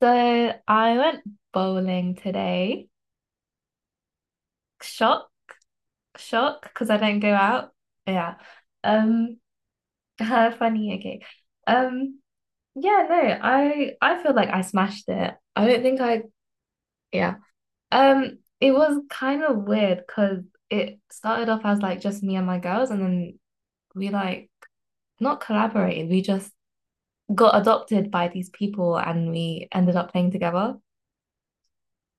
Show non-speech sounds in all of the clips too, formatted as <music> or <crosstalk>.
So I went bowling today. Shock, shock, because I don't go out. Yeah. Um, <laughs> funny, okay. Um, yeah, no, I feel like I smashed it. I don't think I, yeah. It was kind of weird because it started off as like just me and my girls, and then we like not collaborated. We just got adopted by these people, and we ended up playing together.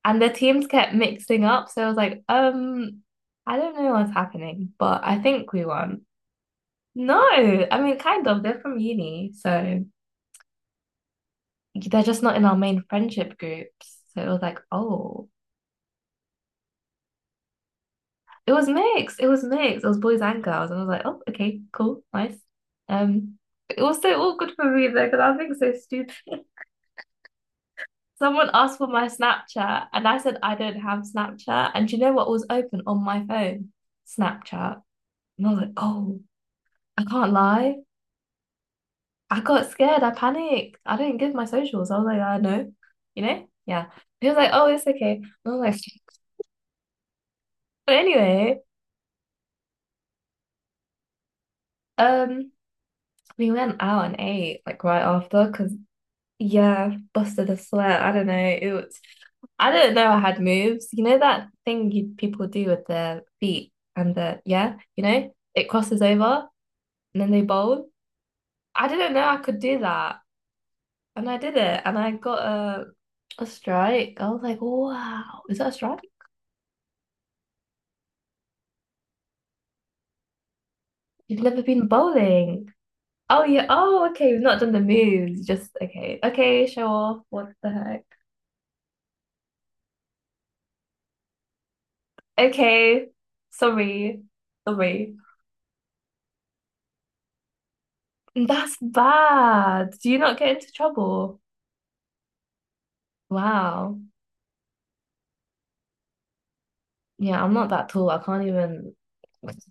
And the teams kept mixing up. So I was like, I don't know what's happening, but I think we won. No, I mean, kind of. They're from uni, so they're just not in our main friendship groups. So it was like, oh, it was mixed. It was mixed. It was boys and girls, and I was like, oh, okay, cool, nice. Um, it was so awkward for me though because I was being so stupid. <laughs> Someone asked for my Snapchat, and I said I don't have Snapchat. And do you know what was open on my phone? Snapchat. And I was like, oh, I can't lie. I got scared. I panicked. I didn't give my socials. I was like, I know, you know? Yeah. He was like, oh, it's okay. And I was like, <laughs> but anyway, um, we went out and ate like right after because yeah, busted a sweat. I don't know. It was I didn't know I had moves. You know that thing you people do with their feet and the yeah, it crosses over and then they bowl. I didn't know I could do that. And I did it, and I got a strike. I was like, wow, is that a strike? You've never been bowling. Oh yeah. Oh, okay. We've not done the moves. Just okay. Okay, show off. What the heck? Okay. Sorry. Sorry. That's bad. Do you not get into trouble? Wow. Yeah, I'm not that tall. I can't even. <laughs>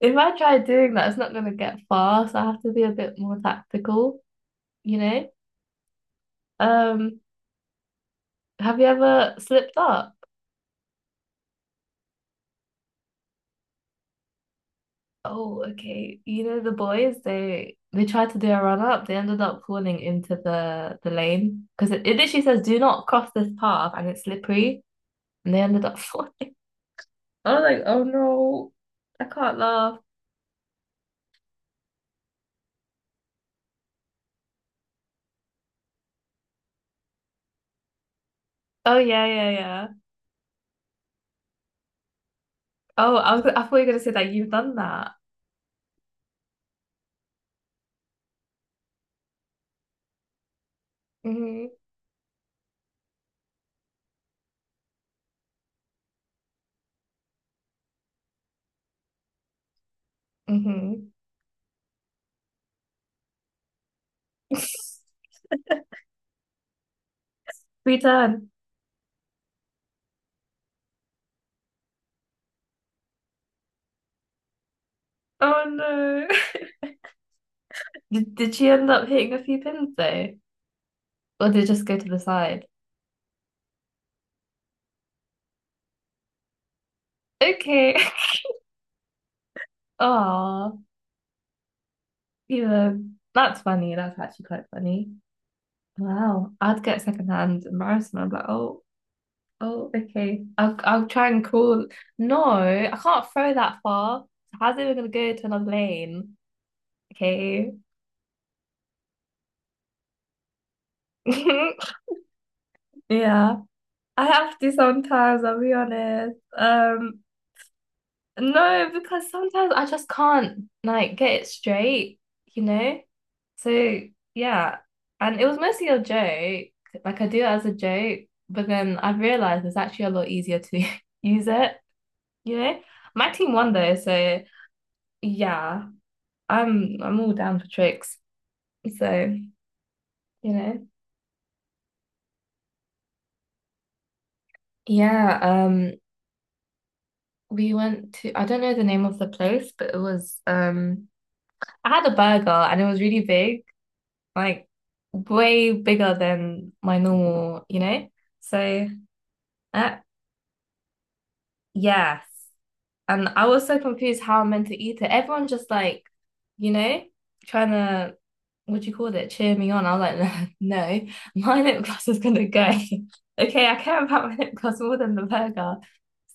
If I try doing that, it's not gonna get far, so I have to be a bit more tactical, you know? Um, have you ever slipped up? Oh, okay. You know, the boys, they tried to do a run up. They ended up falling into the lane because it literally says do not cross this path and it's slippery. And they ended up falling. <laughs> I was like, oh no, I can't laugh. Oh yeah, yeah, yeah. Oh, I thought you were gonna say that you've done that. Mm-hmm. Mm-hmm. <laughs> Return. Oh no. <laughs> Did she end up hitting a few pins though? Or did it just go to the side? Okay. <laughs> Oh. Yeah, that's funny. That's actually quite funny. Wow, I'd get secondhand embarrassment. I'm like, oh, oh, okay. I'll try and call. No, I can't throw that far. How's it even gonna go to another lane? Okay. <laughs> Yeah, I have to sometimes, I'll be honest. No, because sometimes I just can't like get it straight, you know? So yeah. And it was mostly a joke. Like I do it as a joke, but then I've realized it's actually a lot easier to <laughs> use it, you know? My team won though, so yeah, I'm all down for tricks. So, you know. Yeah, we went to I don't know the name of the place, but it was I had a burger and it was really big. Like way bigger than my normal, you know? So, uh, yes. And I was so confused how I'm meant to eat it. Everyone just like, you know, trying to, what do you call it, cheer me on. I was like, <laughs> no, no, my lip gloss is gonna go. <laughs> Okay, I care about my lip gloss more than the burger.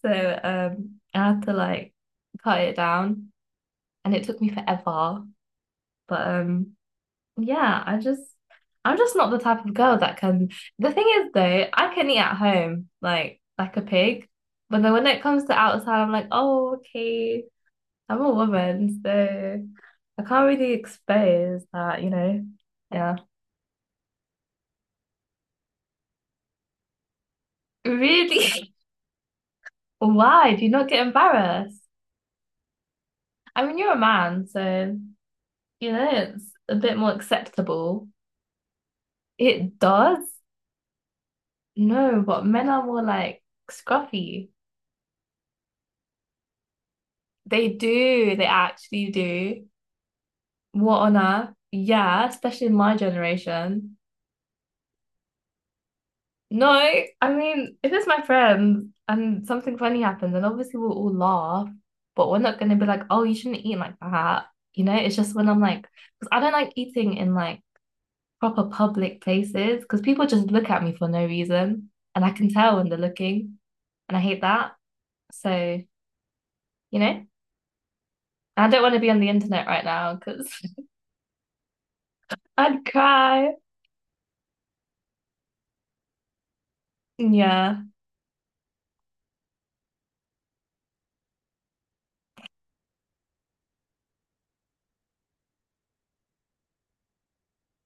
So, I had to like cut it down and it took me forever. But yeah, I just I'm just not the type of girl that can. The thing is though, I can eat at home like a pig, but then when it comes to outside, I'm like, oh, okay, I'm a woman, so I can't really expose that, you know. Yeah. Really? <laughs> Why? Do you not get embarrassed? I mean, you're a man, so you know it's a bit more acceptable. It does. No, but men are more like scruffy. They do. They actually do. What on earth? Yeah, especially in my generation. No, I mean, if it's my friend and something funny happens, then obviously we'll all laugh, but we're not going to be like, oh, you shouldn't eat like that. You know, it's just when I'm like, because I don't like eating in like proper public places because people just look at me for no reason and I can tell when they're looking and I hate that. So, you know, I don't want to be on the internet right now because <laughs> I'd cry. Yeah.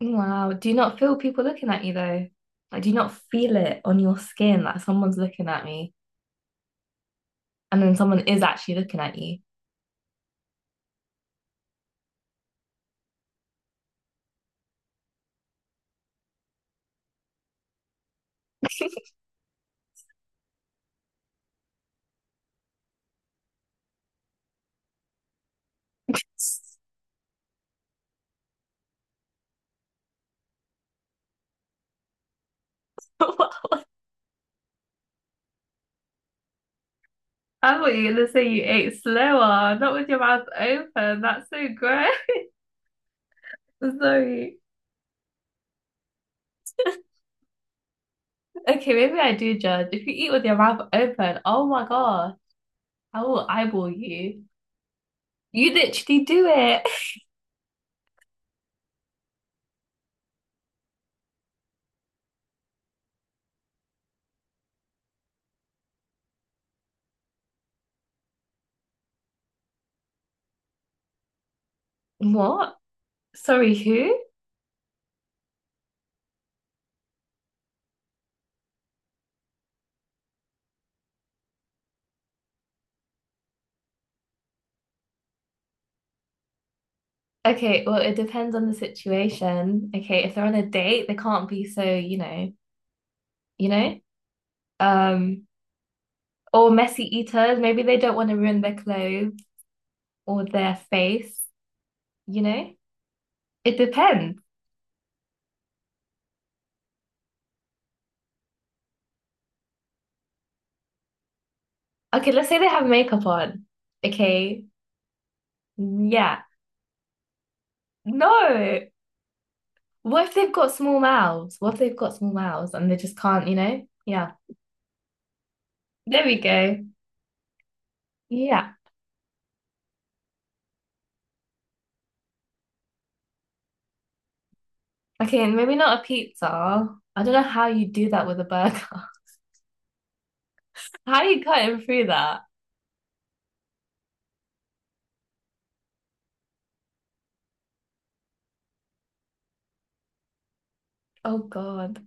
Wow. Do you not feel people looking at you though? Like, do you not feel it on your skin that someone's looking at me and then someone is actually looking at you? <laughs> I thought you were gonna say you ate slower, not with your mouth open. That's so gross. <laughs> Sorry. Okay, maybe I do judge. If you eat with your mouth open, oh my God, I will eyeball you. You literally do it. <laughs> What? Sorry, who? Okay, well, it depends on the situation. Okay, if they're on a date, they can't be so, you know, you know? Um, or messy eaters, maybe they don't want to ruin their clothes or their face, you know? It depends. Okay, let's say they have makeup on. Okay. Yeah. No. What if they've got small mouths? What if they've got small mouths and they just can't, you know? Yeah. There we go. Yeah. Okay, and maybe not a pizza. I don't know how you do that with a burger. <laughs> How are you cutting through that? Oh God.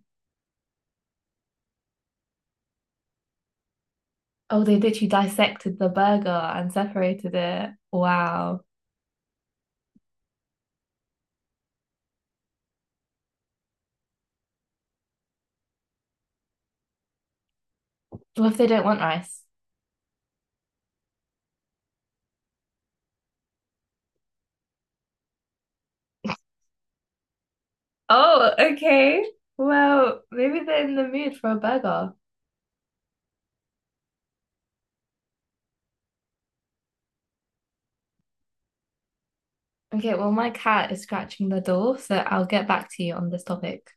Oh, they literally dissected the burger and separated it. Wow. What if they don't want rice? Oh, okay. Well, maybe they're in the mood for a burger. Okay, well, my cat is scratching the door, so I'll get back to you on this topic.